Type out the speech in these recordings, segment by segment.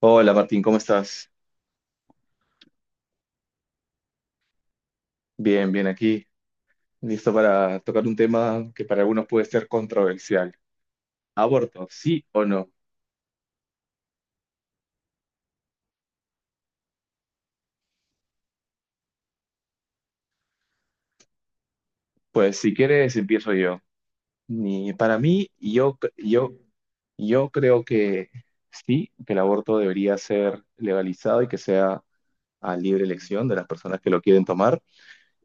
Hola Martín, ¿cómo estás? Bien, bien aquí. Listo para tocar un tema que para algunos puede ser controversial. ¿Aborto, sí o no? Pues si quieres empiezo yo. Ni para mí, yo creo que sí, que el aborto debería ser legalizado y que sea a libre elección de las personas que lo quieren tomar.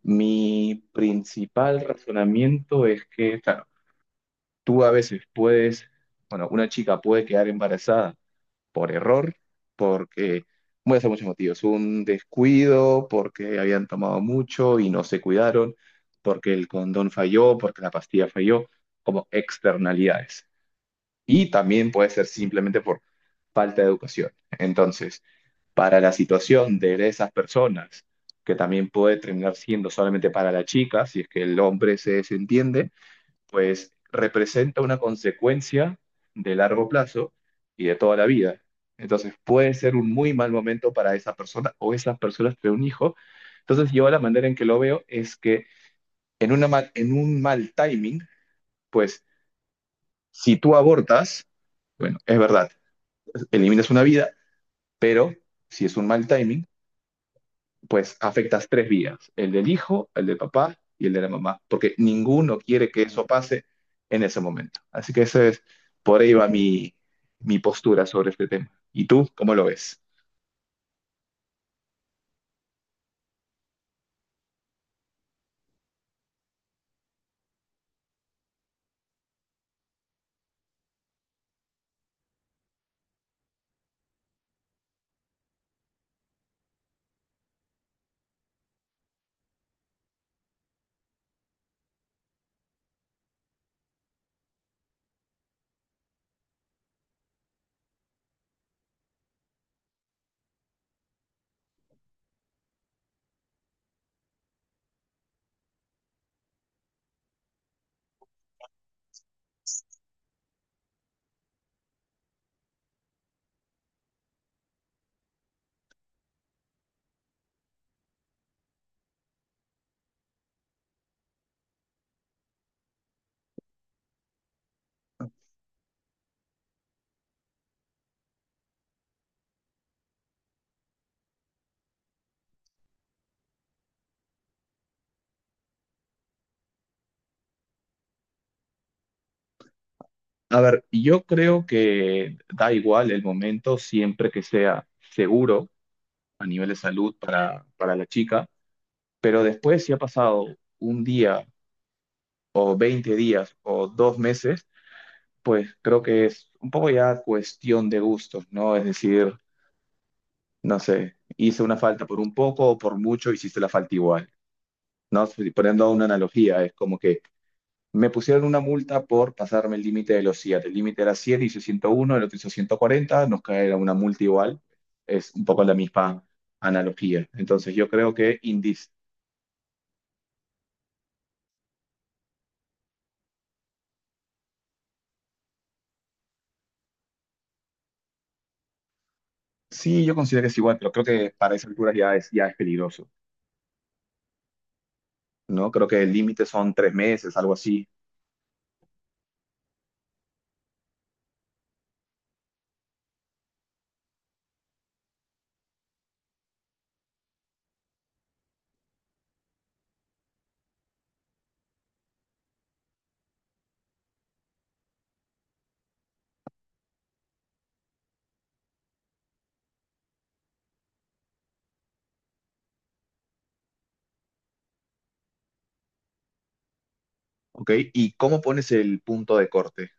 Mi principal razonamiento es que, claro, tú a veces puedes, bueno, una chica puede quedar embarazada por error, porque puede ser muchos motivos, un descuido, porque habían tomado mucho y no se cuidaron, porque el condón falló, porque la pastilla falló, como externalidades. Y también puede ser simplemente por falta de educación. Entonces, para la situación de esas personas, que también puede terminar siendo solamente para la chica, si es que el hombre se desentiende, pues representa una consecuencia de largo plazo y de toda la vida. Entonces puede ser un muy mal momento para esa persona o esas personas tener un hijo. Entonces yo la manera en que lo veo es que en un mal timing, pues si tú abortas, bueno, es verdad, eliminas una vida, pero si es un mal timing, pues afectas tres vías, el del hijo, el del papá y el de la mamá, porque ninguno quiere que eso pase en ese momento. Así que por ahí va mi postura sobre este tema. ¿Y tú cómo lo ves? A ver, yo creo que da igual el momento siempre que sea seguro a nivel de salud para la chica, pero después si ha pasado un día o 20 días o 2 meses, pues creo que es un poco ya cuestión de gustos, ¿no? Es decir, no sé, hice una falta por un poco o por mucho, hiciste la falta igual, ¿no? Poniendo una analogía, es como que me pusieron una multa por pasarme el límite de velocidad. El límite era 100, hice 101, el otro hizo 140, nos cae una multa igual. Es un poco la misma analogía. Entonces yo creo que indis... Sí, yo considero que es igual, pero creo que para esas alturas ya es peligroso, ¿no? Creo que el límite son 3 meses, algo así, ¿ok? ¿Y cómo pones el punto de corte?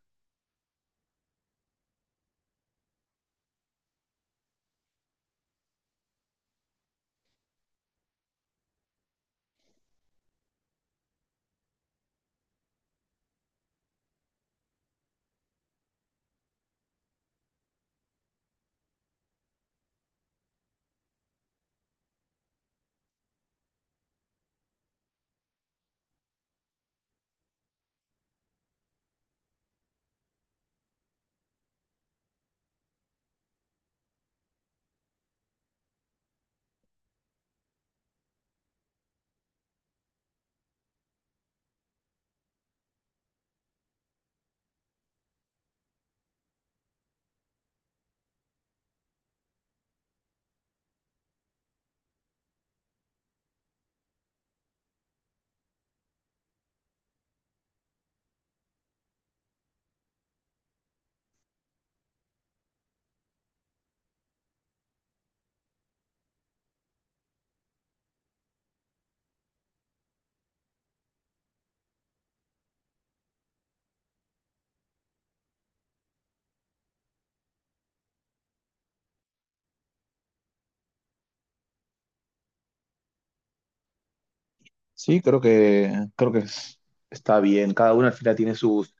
Sí, creo que está bien. Cada uno al final tiene sus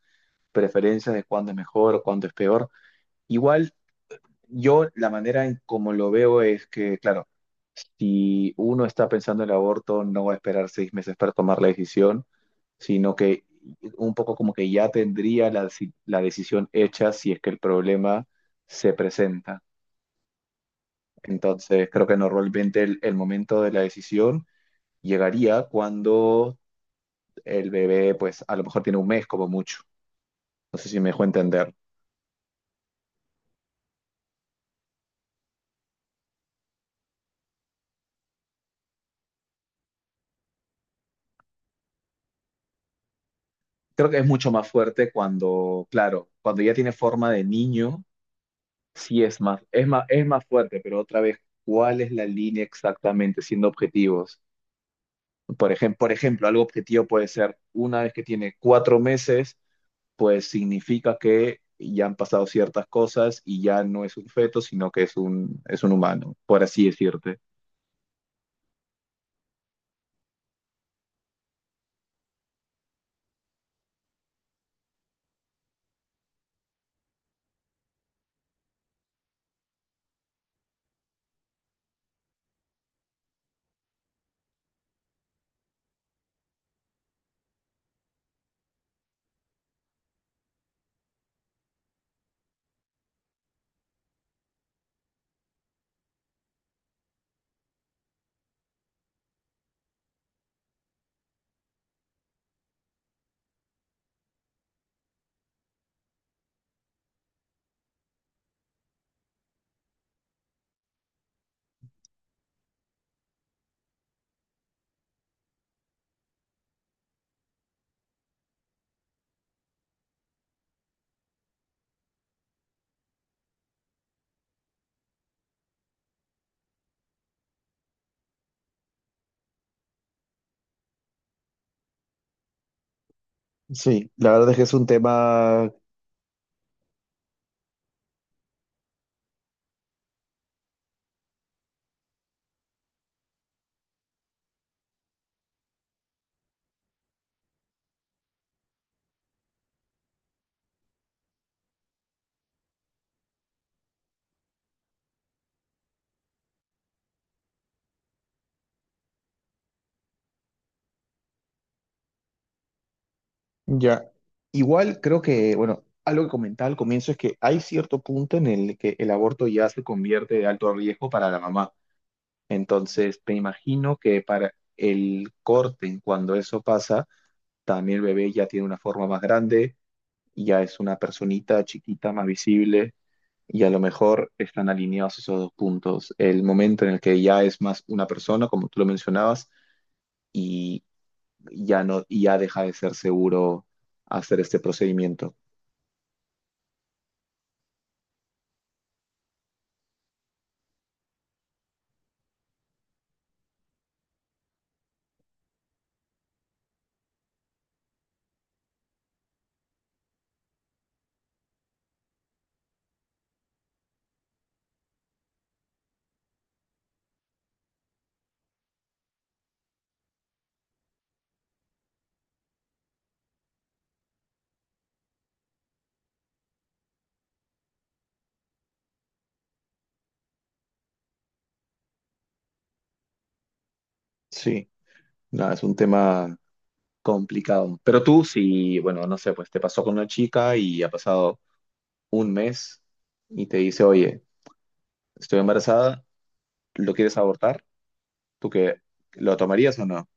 preferencias de cuándo es mejor o cuándo es peor. Igual, yo la manera en como lo veo es que, claro, si uno está pensando en el aborto, no va a esperar 6 meses para tomar la decisión, sino que un poco como que ya tendría la decisión hecha si es que el problema se presenta. Entonces, creo que normalmente el momento de la decisión llegaría cuando el bebé pues a lo mejor tiene un mes como mucho. No sé si me dejó entender. Creo que es mucho más fuerte cuando, claro, cuando ya tiene forma de niño, sí es más fuerte, pero otra vez, ¿cuál es la línea exactamente siendo objetivos? Por ejemplo, algo objetivo puede ser, una vez que tiene 4 meses, pues significa que ya han pasado ciertas cosas y ya no es un feto, sino que es un humano, por así decirte. Sí, la verdad es que es un tema. Ya. Igual creo que, bueno, algo que comentaba al comienzo es que hay cierto punto en el que el aborto ya se convierte de alto riesgo para la mamá. Entonces, te imagino que para el corte, en cuando eso pasa, también el bebé ya tiene una forma más grande, ya es una personita chiquita, más visible, y a lo mejor están alineados esos dos puntos. El momento en el que ya es más una persona, como tú lo mencionabas, y ya no, y ya deja de ser seguro hacer este procedimiento. Sí, nada, es un tema complicado. Pero tú, si, bueno, no sé, pues te pasó con una chica y ha pasado un mes y te dice, oye, estoy embarazada, ¿lo quieres abortar? ¿Tú qué? ¿Lo tomarías o no?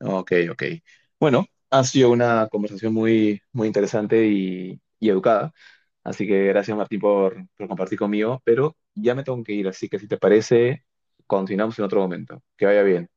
Ok, ok. Bueno, ha sido una conversación muy interesante y educada. Así que gracias, Martín, por compartir conmigo. Pero ya me tengo que ir, así que si te parece, continuamos en otro momento. Que vaya bien.